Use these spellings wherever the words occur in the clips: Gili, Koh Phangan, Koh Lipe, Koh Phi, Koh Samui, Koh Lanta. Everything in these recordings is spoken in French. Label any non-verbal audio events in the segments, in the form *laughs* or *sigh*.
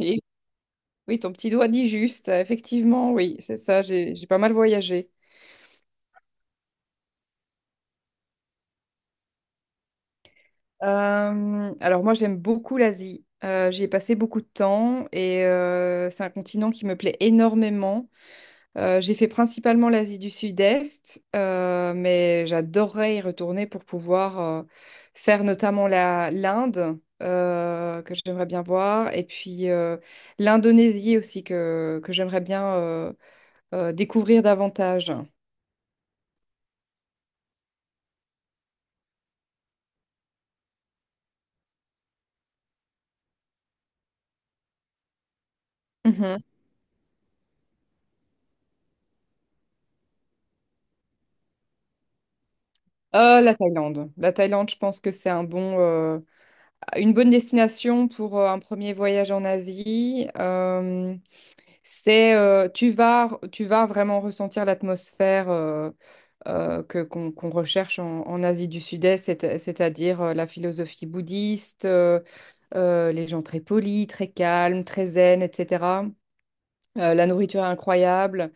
Et oui, ton petit doigt dit juste, effectivement, oui, c'est ça, j'ai pas mal voyagé. Alors moi, j'aime beaucoup l'Asie. J'y ai passé beaucoup de temps et c'est un continent qui me plaît énormément. J'ai fait principalement l'Asie du Sud-Est, mais j'adorerais y retourner pour pouvoir faire notamment l'Inde, que j'aimerais bien voir, et puis l'Indonésie aussi, que j'aimerais bien découvrir davantage. Mhm. La Thaïlande. La Thaïlande, je pense que c'est un bon, une bonne destination pour un premier voyage en Asie. Tu vas vraiment ressentir l'atmosphère que qu'on qu'on recherche en Asie du Sud-Est, c'est-à-dire la philosophie bouddhiste, les gens très polis, très calmes, très zen, etc. La nourriture est incroyable.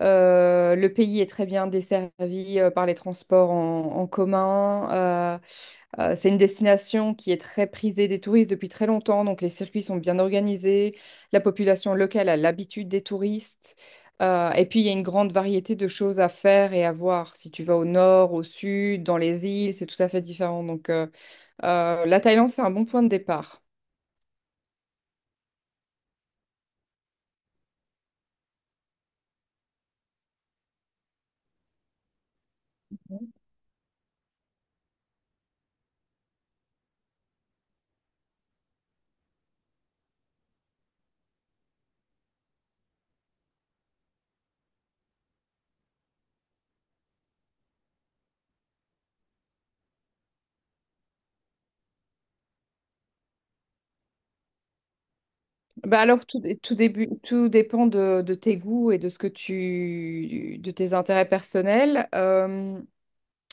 Le pays est très bien desservi par les transports en commun. C'est une destination qui est très prisée des touristes depuis très longtemps, donc les circuits sont bien organisés. La population locale a l'habitude des touristes. Et puis, il y a une grande variété de choses à faire et à voir. Si tu vas au nord, au sud, dans les îles, c'est tout à fait différent. Donc, la Thaïlande, c'est un bon point de départ. Bah alors, tout, dé- tout, début, tout dépend de tes goûts et de ce que de tes intérêts personnels.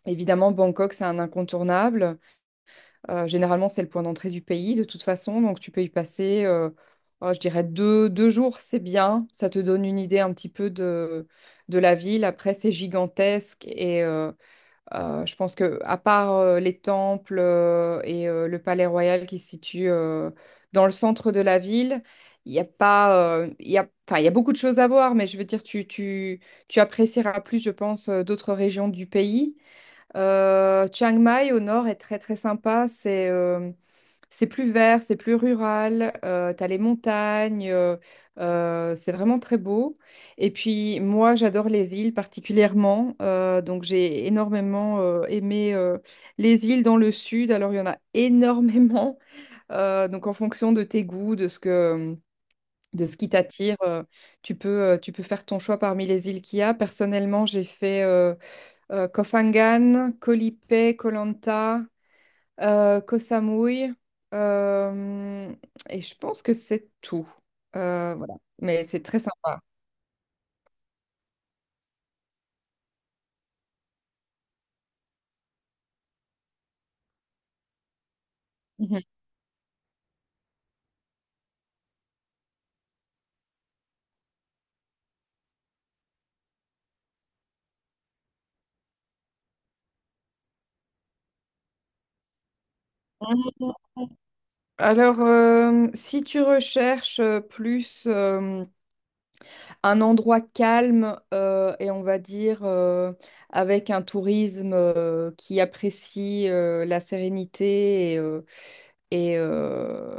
Évidemment, Bangkok, c'est un incontournable. Généralement, c'est le point d'entrée du pays, de toute façon. Donc, tu peux y passer, oh, je dirais, deux jours, c'est bien. Ça te donne une idée un petit peu de la ville. Après, c'est gigantesque et je pense que, à part les temples et le palais royal qui se situe dans le centre de la ville, il y a pas, il y a, enfin, il y a beaucoup de choses à voir, mais je veux dire, tu apprécieras plus, je pense, d'autres régions du pays. Chiang Mai au nord est très très sympa. C'est plus vert, c'est plus rural, t'as les montagnes, c'est vraiment très beau. Et puis moi, j'adore les îles particulièrement, donc j'ai énormément aimé les îles dans le sud. Alors il y en a *laughs* énormément. Donc en fonction de tes goûts, de ce qui t'attire, tu tu peux faire ton choix parmi les îles qu'il y a. Personnellement, j'ai fait Koh Phangan, Koh Lipe, Koh Lanta, Koh Samui, euh, et je pense que c'est tout. Voilà. Mais c'est très sympa. Mhm. Alors, si tu recherches plus un endroit calme et on va dire avec un tourisme qui apprécie la sérénité et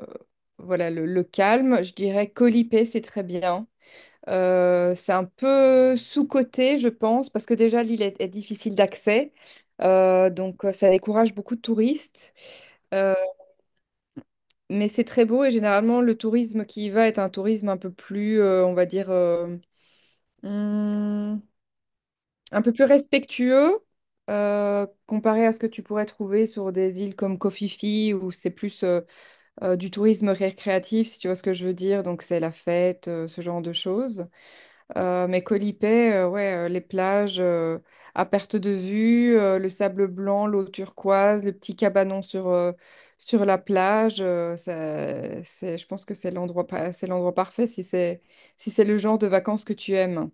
voilà le calme, je dirais Koh Lipet, c'est très bien. C'est un peu sous-coté, je pense, parce que déjà l'île est difficile d'accès. Donc ça décourage beaucoup de touristes. Euh, mais c'est très beau et généralement le tourisme qui y va est un tourisme un peu plus, on va dire, hum, un peu plus respectueux comparé à ce que tu pourrais trouver sur des îles comme Koh Phi où c'est plus du tourisme récréatif, si tu vois ce que je veux dire. Donc c'est la fête, ce genre de choses. Mais Colipay, ouais, les plages à perte de vue, le sable blanc, l'eau turquoise, le petit cabanon sur la plage, ça, je pense que c'est l'endroit, c'est l'endroit parfait si si c'est le genre de vacances que tu aimes.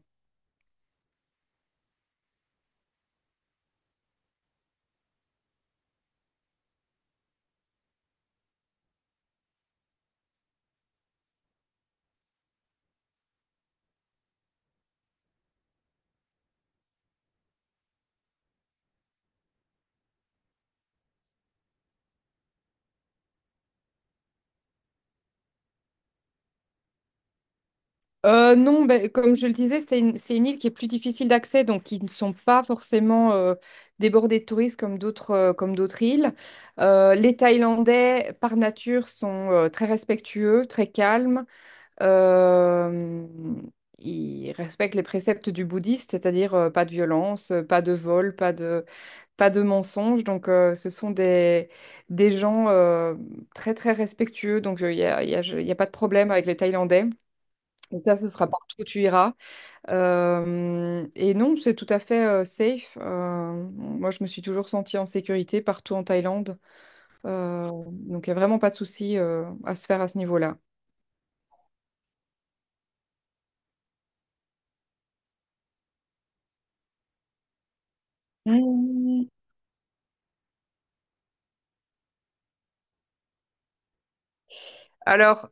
Non, ben, comme je le disais, c'est c'est une île qui est plus difficile d'accès, donc qui ne sont pas forcément débordées de touristes comme d'autres, comme d'autres îles. Les Thaïlandais, par nature, sont très respectueux, très calmes. Euh, il respecte les préceptes du bouddhiste, c'est-à-dire pas de violence, pas de vol, pas de mensonge. Donc, ce sont des gens très, très respectueux. Donc, il n'y a, y a- y a pas de problème avec les Thaïlandais. Donc ça, ce sera partout où tu iras. Et non, c'est tout à fait safe. Moi, je me suis toujours sentie en sécurité partout en Thaïlande. Donc, il n'y a vraiment pas de souci à se faire à ce niveau-là. Mmh. Alors,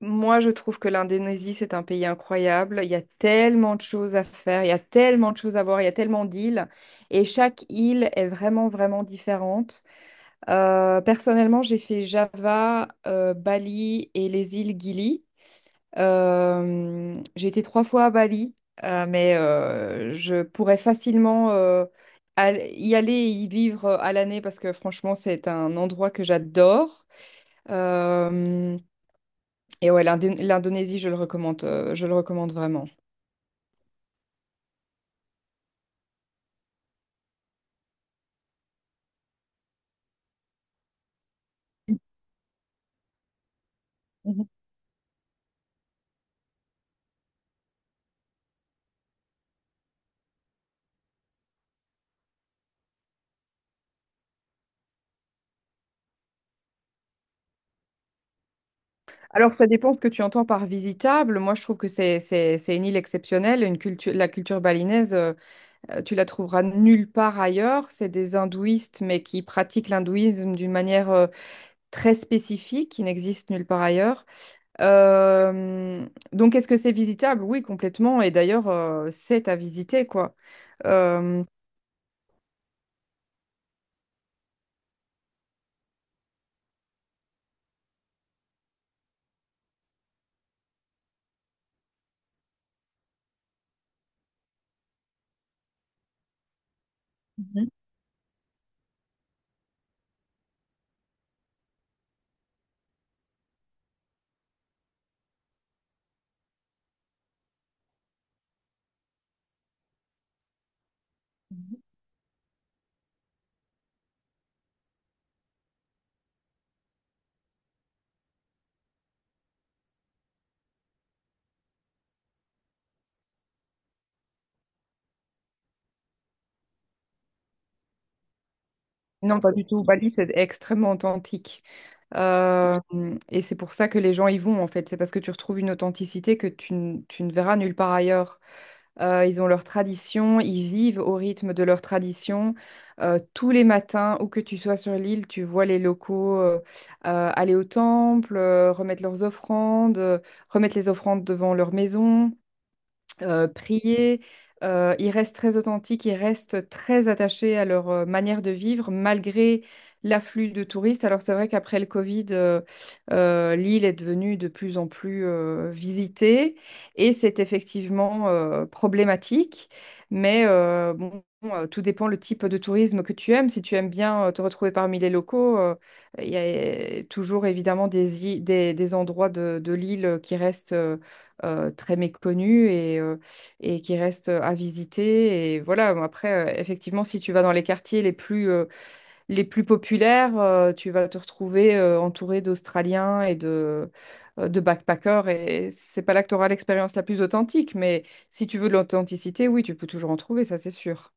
moi, je trouve que l'Indonésie, c'est un pays incroyable. Il y a tellement de choses à faire, il y a tellement de choses à voir, il y a tellement d'îles. Et chaque île est vraiment, vraiment différente. Personnellement, j'ai fait Java, Bali et les îles Gili. J'ai été 3 fois à Bali, mais je pourrais facilement y aller et y vivre à l'année parce que franchement, c'est un endroit que j'adore. Euh, et ouais, l'Indonésie, je le recommande vraiment. Mhm. Alors, ça dépend ce que tu entends par visitable. Moi, je trouve que c'est une île exceptionnelle. Une culture, la culture balinaise, tu la trouveras nulle part ailleurs. C'est des hindouistes, mais qui pratiquent l'hindouisme d'une manière très spécifique, qui n'existe nulle part ailleurs. Euh, donc, est-ce que c'est visitable? Oui, complètement. Et d'ailleurs, c'est à visiter, quoi. Euh, Mhm. Non, pas du tout. Bali, c'est extrêmement authentique. Euh, et c'est pour ça que les gens y vont, en fait. C'est parce que tu retrouves une authenticité que tu ne verras nulle part ailleurs. Ils ont leur tradition, ils vivent au rythme de leur tradition. Tous les matins, où que tu sois sur l'île, tu vois les locaux aller au temple, remettre leurs offrandes, remettre les offrandes devant leur maison, prier. Ils restent très authentiques, ils restent très attachés à leur manière de vivre malgré l'afflux de touristes. Alors c'est vrai qu'après le Covid, l'île est devenue de plus en plus visitée et c'est effectivement problématique. Mais bon, tout dépend le type de tourisme que tu aimes. Si tu aimes bien te retrouver parmi les locaux, il y a toujours évidemment des endroits de l'île qui restent très méconnue et qui reste à visiter. Et voilà, bon, après, effectivement, si tu vas dans les quartiers les plus populaires, tu vas te retrouver entouré d'Australiens et de backpackers. Et c'est pas là que tu auras l'expérience la plus authentique, mais si tu veux de l'authenticité, oui, tu peux toujours en trouver, ça c'est sûr.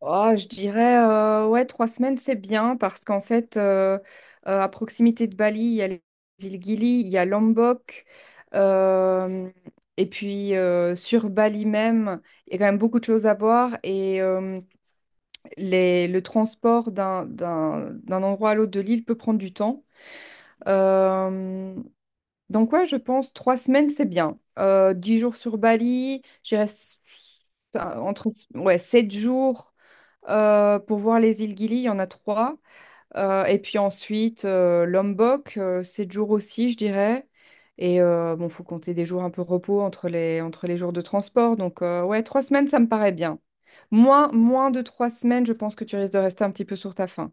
Oh, je dirais, ouais, 3 semaines, c'est bien parce qu'en fait, à proximité de Bali, il y a les îles Gili, il y a Lombok. euh, et puis, sur Bali même, il y a quand même beaucoup de choses à voir. Et le transport d'un endroit à l'autre de l'île peut prendre du temps. Euh, donc, ouais, je pense 3 semaines, c'est bien. 10 jours sur Bali, je dirais entre ouais, 7 jours. Pour voir les îles Gili, il y en a 3. Et puis ensuite, Lombok, 7 jours aussi, je dirais. Et bon, faut compter des jours un peu repos entre entre les jours de transport. Donc, ouais, trois semaines, ça me paraît bien. Moins de 3 semaines, je pense que tu risques de rester un petit peu sur ta faim.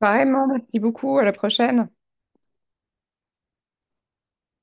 Vraiment, merci beaucoup. À la prochaine.